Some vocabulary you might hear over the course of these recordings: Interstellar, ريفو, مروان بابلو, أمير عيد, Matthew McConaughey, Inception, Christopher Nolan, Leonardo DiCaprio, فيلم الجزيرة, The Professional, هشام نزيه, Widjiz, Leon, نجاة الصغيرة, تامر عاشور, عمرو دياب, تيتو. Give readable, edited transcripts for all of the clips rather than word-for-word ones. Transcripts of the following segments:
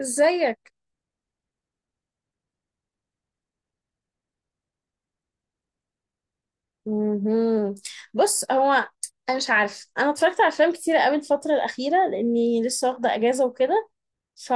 ازيك؟ مهم. بص، هو انا مش عارف، انا اتفرجت على افلام كتيره قوي الفتره الاخيره لاني لسه واخده اجازه وكده. ف...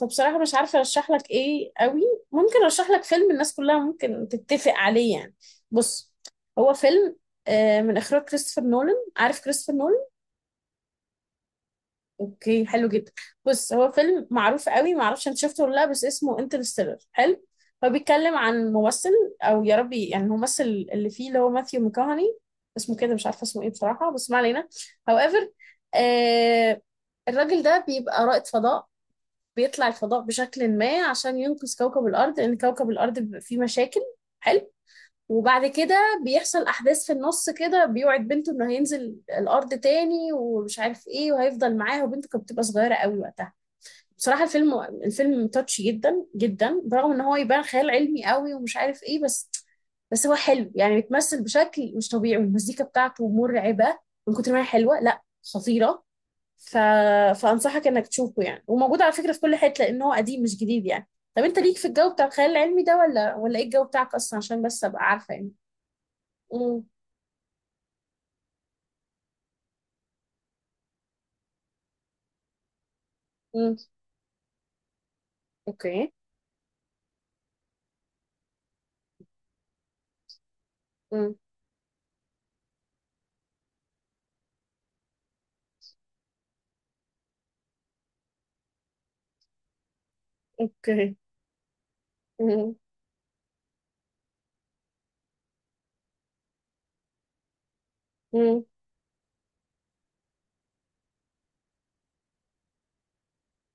فبصراحه مش عارفه ارشح لك ايه قوي. ممكن ارشح لك فيلم الناس كلها ممكن تتفق عليه يعني. بص، هو فيلم من اخراج كريستوفر نولان. عارف كريستوفر نولان؟ اوكي حلو جدا. بص، هو فيلم معروف قوي، ما اعرفش انت شفته ولا لا، بس اسمه انترستيلر. حلو. هو بيتكلم عن ممثل، او يا ربي يعني الممثل اللي فيه، اللي هو ماثيو ميكاهاني، اسمه كده مش عارفه اسمه ايه بصراحه، بس ما علينا. However، آه الراجل ده بيبقى رائد فضاء، بيطلع الفضاء بشكل ما عشان ينقذ كوكب الارض، لان كوكب الارض بيبقى فيه مشاكل. حلو. وبعد كده بيحصل احداث في النص كده، بيوعد بنته انه هينزل الارض تاني ومش عارف ايه وهيفضل معاها، وبنته كانت بتبقى صغيره قوي وقتها. بصراحه الفيلم تاتش جدا جدا، برغم ان هو يبان خيال علمي قوي ومش عارف ايه، بس هو حلو يعني، بيتمثل بشكل مش طبيعي، والمزيكا بتاعته مرعبه من كتر ما هي حلوه، لا خطيره. ف... فانصحك انك تشوفه يعني، وموجود على فكره في كل حته لان هو قديم مش جديد يعني. طب انت ليك في الجو بتاع الخيال العلمي ده ولا، ولا ايه الجو بتاعك اصلا، عشان بس ابقى عارفه يعني؟ مم. مم. اوكي. مم. اوكي. مم. مم.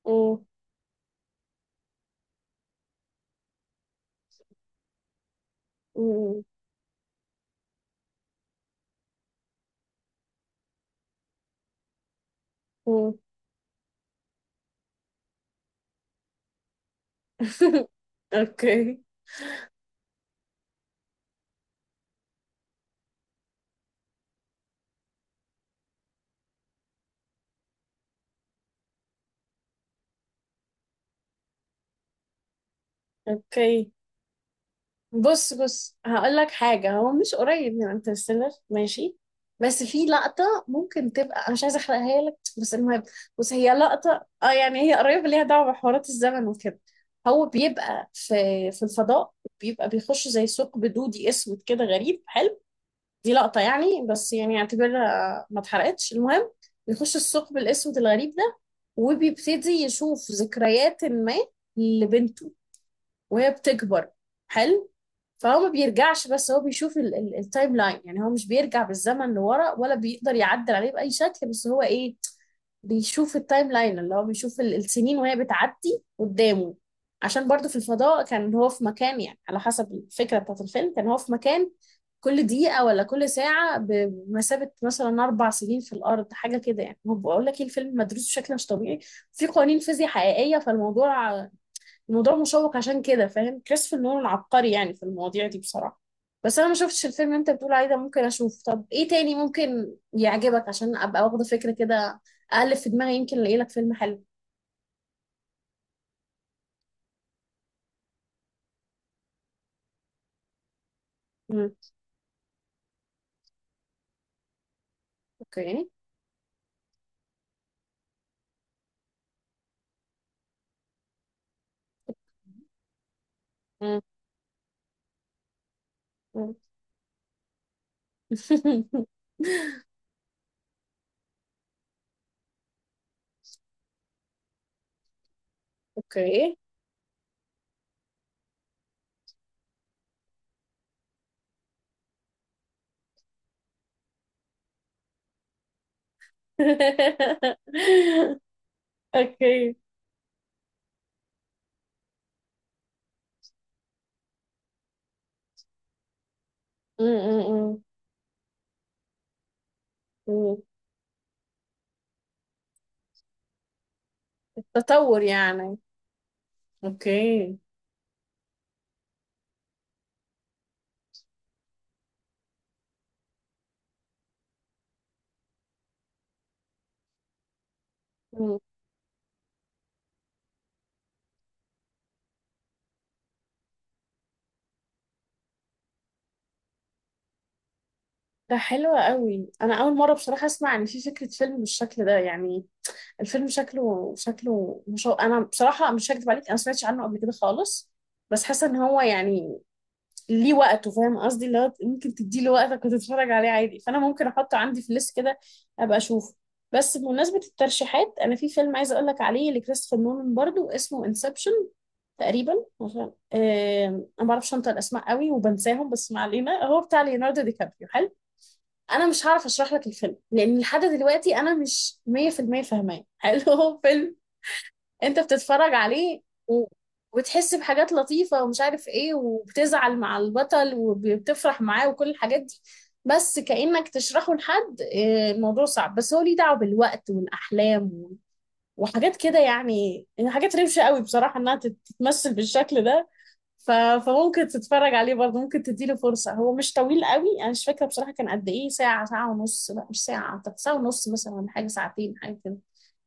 مم. مم. مم. اوكي، اوكي. بص، بص هقول لك حاجه، هو مش قريب من انترستيلر، ماشي. بس في لقطه ممكن تبقى، انا مش عايزه احرقها لك، بس المهم. بص هي لقطه، يعني هي قريبه، ليها دعوه بحوارات الزمن وكده. هو بيبقى في الفضاء، بيبقى بيخش زي ثقب دودي اسود كده غريب. حلو. دي لقطة يعني، بس يعني اعتبرها ما اتحرقتش. المهم، بيخش الثقب الأسود الغريب ده، وبيبتدي يشوف ذكريات ما لبنته وهي بتكبر. حلو. فهو ما بيرجعش، بس هو بيشوف التايم لاين. يعني هو مش بيرجع بالزمن لورا ولا بيقدر يعدل عليه بأي شكل، بس هو ايه، بيشوف التايم لاين، اللي هو بيشوف السنين وهي بتعدي قدامه. عشان برضه في الفضاء كان هو في مكان، يعني على حسب الفكرة بتاعت الفيلم، كان هو في مكان كل دقيقة ولا كل ساعة بمثابة مثلا أربع سنين في الأرض، حاجة كده. يعني هو بقول لك إيه، الفيلم مدروس بشكل مش طبيعي، في قوانين فيزياء حقيقية. فالموضوع، الموضوع مشوق، عشان كده فاهم، كريستوفر نولان عبقري يعني في المواضيع دي بصراحة. بس انا ما شفتش الفيلم اللي انت بتقول عليه ده، ممكن اشوف. طب ايه تاني ممكن يعجبك عشان ابقى واخدة فكرة كده؟ اقلب في دماغي يمكن الاقي لك فيلم حلو. مم. اوكي. مم. مم. اوكي. اوكي. مم. مم. مم. تطور يعني. اوكي. مم. ده حلو قوي، انا اول مره بصراحه اسمع ان في فكره فيلم بالشكل ده يعني. الفيلم شكله مش انا بصراحه مش هكدب عليك، انا ما سمعتش عنه قبل كده خالص. بس حاسه ان هو يعني ليه وقته، فاهم قصدي؟ اللي هو ممكن تديله وقتك وتتفرج عليه عادي، فانا ممكن احطه عندي في الليست كده ابقى اشوفه. بس بمناسبه الترشيحات، انا في فيلم عايزه اقول لك عليه لكريستوفر نولان برضو، اسمه انسبشن تقريبا. عشان انا ما بعرفش انطق الاسماء قوي وبنساهم، بس ما علينا. هو بتاع ليوناردو دي كابريو. حلو. انا مش هعرف اشرح لك الفيلم، لان لحد دلوقتي انا مش 100% فاهماه. حلو، هو فيلم انت بتتفرج عليه و... وتحس بحاجات لطيفة ومش عارف ايه، وبتزعل مع البطل وبتفرح معاه وكل الحاجات دي، بس كأنك تشرحه لحد. الموضوع صعب، بس هو ليه دعوة بالوقت والأحلام وحاجات كده يعني، يعني حاجات روشة قوي بصراحة انها تتمثل بالشكل ده. فممكن تتفرج عليه برضه، ممكن تديله فرصة. هو مش طويل قوي، انا مش فاكرة بصراحة كان قد ايه، ساعة، ساعة ونص؟ لا مش ساعة، أعتقد ساعة ونص مثلا، ولا حاجة ساعتين، حاجة كده.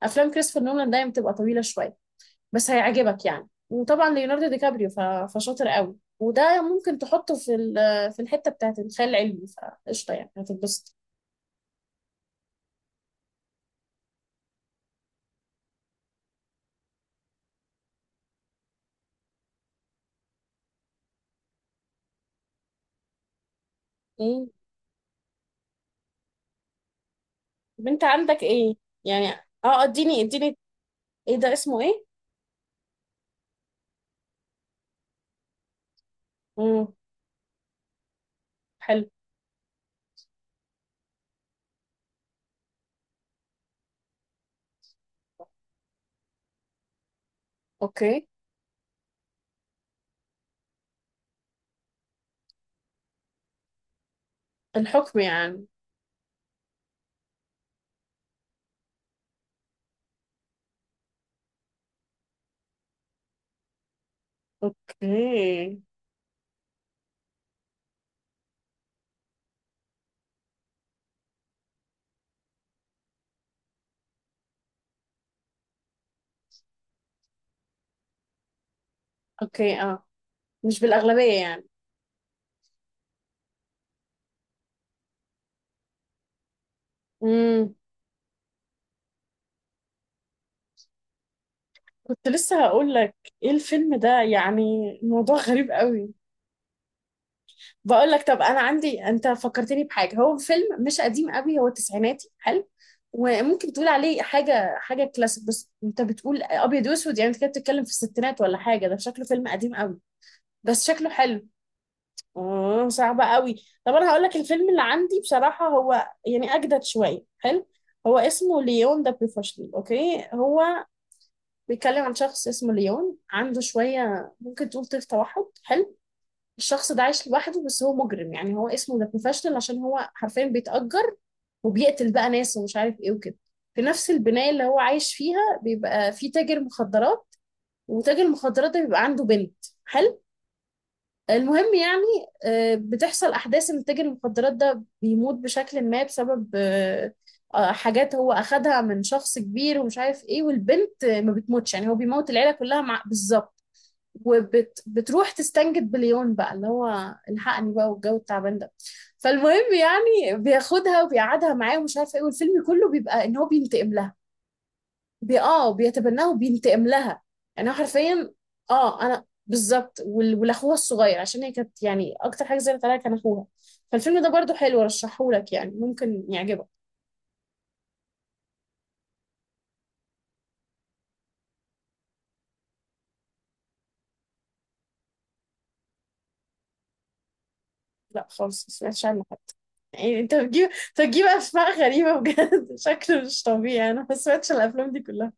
افلام كريستوفر نولان دايما بتبقى طويلة شوية، بس هيعجبك يعني، وطبعا ليوناردو دي كابريو فشاطر قوي، وده ممكن تحطه في في الحتة بتاعت الخيال العلمي، فقشطة يعني هتتبسط. ايه؟ طب انت عندك ايه يعني؟ اه، اديني اديني. ايه ده، اسمه ايه؟ امم. حلو. اوكي. الحكم يعني. اوكي. اوكي. اه، مش بالأغلبية يعني؟ امم. كنت لسه هقول لك. ايه الفيلم ده يعني؟ الموضوع غريب قوي. بقول لك، طب انا عندي، انت فكرتني بحاجه، هو فيلم مش قديم قوي، هو تسعيناتي. حلو. وممكن تقول عليه حاجه كلاسيك، بس انت بتقول ابيض واسود، يعني انت كده بتتكلم في الستينات ولا حاجه، ده شكله فيلم قديم قوي. بس شكله حلو. اه، صعب قوي. طب انا هقول لك الفيلم اللي عندي بصراحه، هو يعني اجدد شويه. حلو. هو اسمه ليون ده بروفيشنال. اوكي. هو بيتكلم عن شخص اسمه ليون، عنده شويه ممكن تقول طيف توحد. حلو. الشخص ده عايش لوحده، بس هو مجرم يعني، هو اسمه ذا بروفيشنال عشان هو حرفيا بيتأجر وبيقتل بقى ناس ومش عارف ايه وكده. في نفس البناية اللي هو عايش فيها بيبقى في تاجر مخدرات، وتاجر المخدرات ده بيبقى عنده بنت. حلو. المهم يعني، بتحصل أحداث إن تاجر المخدرات ده بيموت بشكل ما بسبب حاجات هو أخدها من شخص كبير ومش عارف ايه. والبنت ما بتموتش، يعني هو بيموت العيلة كلها مع بالظبط. وبتروح تستنجد بليون بقى، اللي هو الحقني بقى والجو التعبان ده. فالمهم يعني، بياخدها وبيقعدها معاه ومش عارفه ايه، والفيلم كله بيبقى ان هو بينتقم لها. بي اه بيتبناها وبينتقم لها، يعني هو حرفيا. اه، انا بالظبط، ولاخوها الصغير، عشان هي كانت يعني اكتر حاجه زعلت عليها كان اخوها. فالفيلم ده برضو حلو، رشحهولك يعني ممكن يعجبك. لا خالص، ما سمعتش عنه حتى. يعني انت بتجيب اسماء غريبه بجد. شكله مش طبيعي، انا ما سمعتش عن الافلام دي كلها.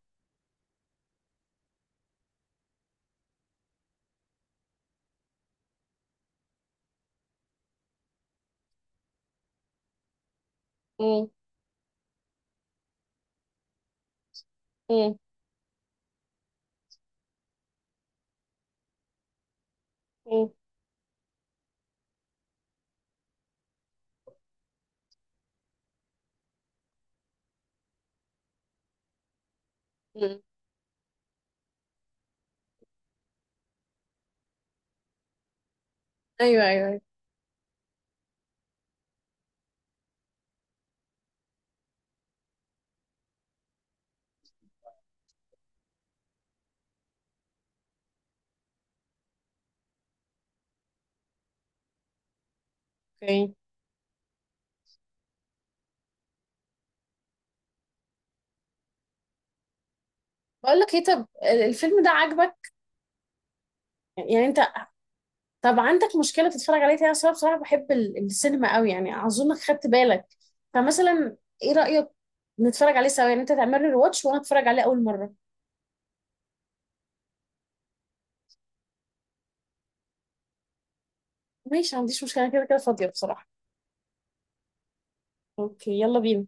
مم. مم. مم. ايوه، ايوه، أيوة. اوكي. بقول لك ايه، طب الفيلم ده عاجبك يعني انت؟ طب عندك مشكله تتفرج عليه تاني؟ اصلا بصراحه بحب السينما قوي يعني، اظنك خدت بالك. فمثلا ايه رايك نتفرج عليه سوا، يعني انت تعمل لي واتش وانا اتفرج عليه اول مره؟ ماشي، ما عنديش مشكله، أنا كده كده فاضيه بصراحه. اوكي، يلا بينا.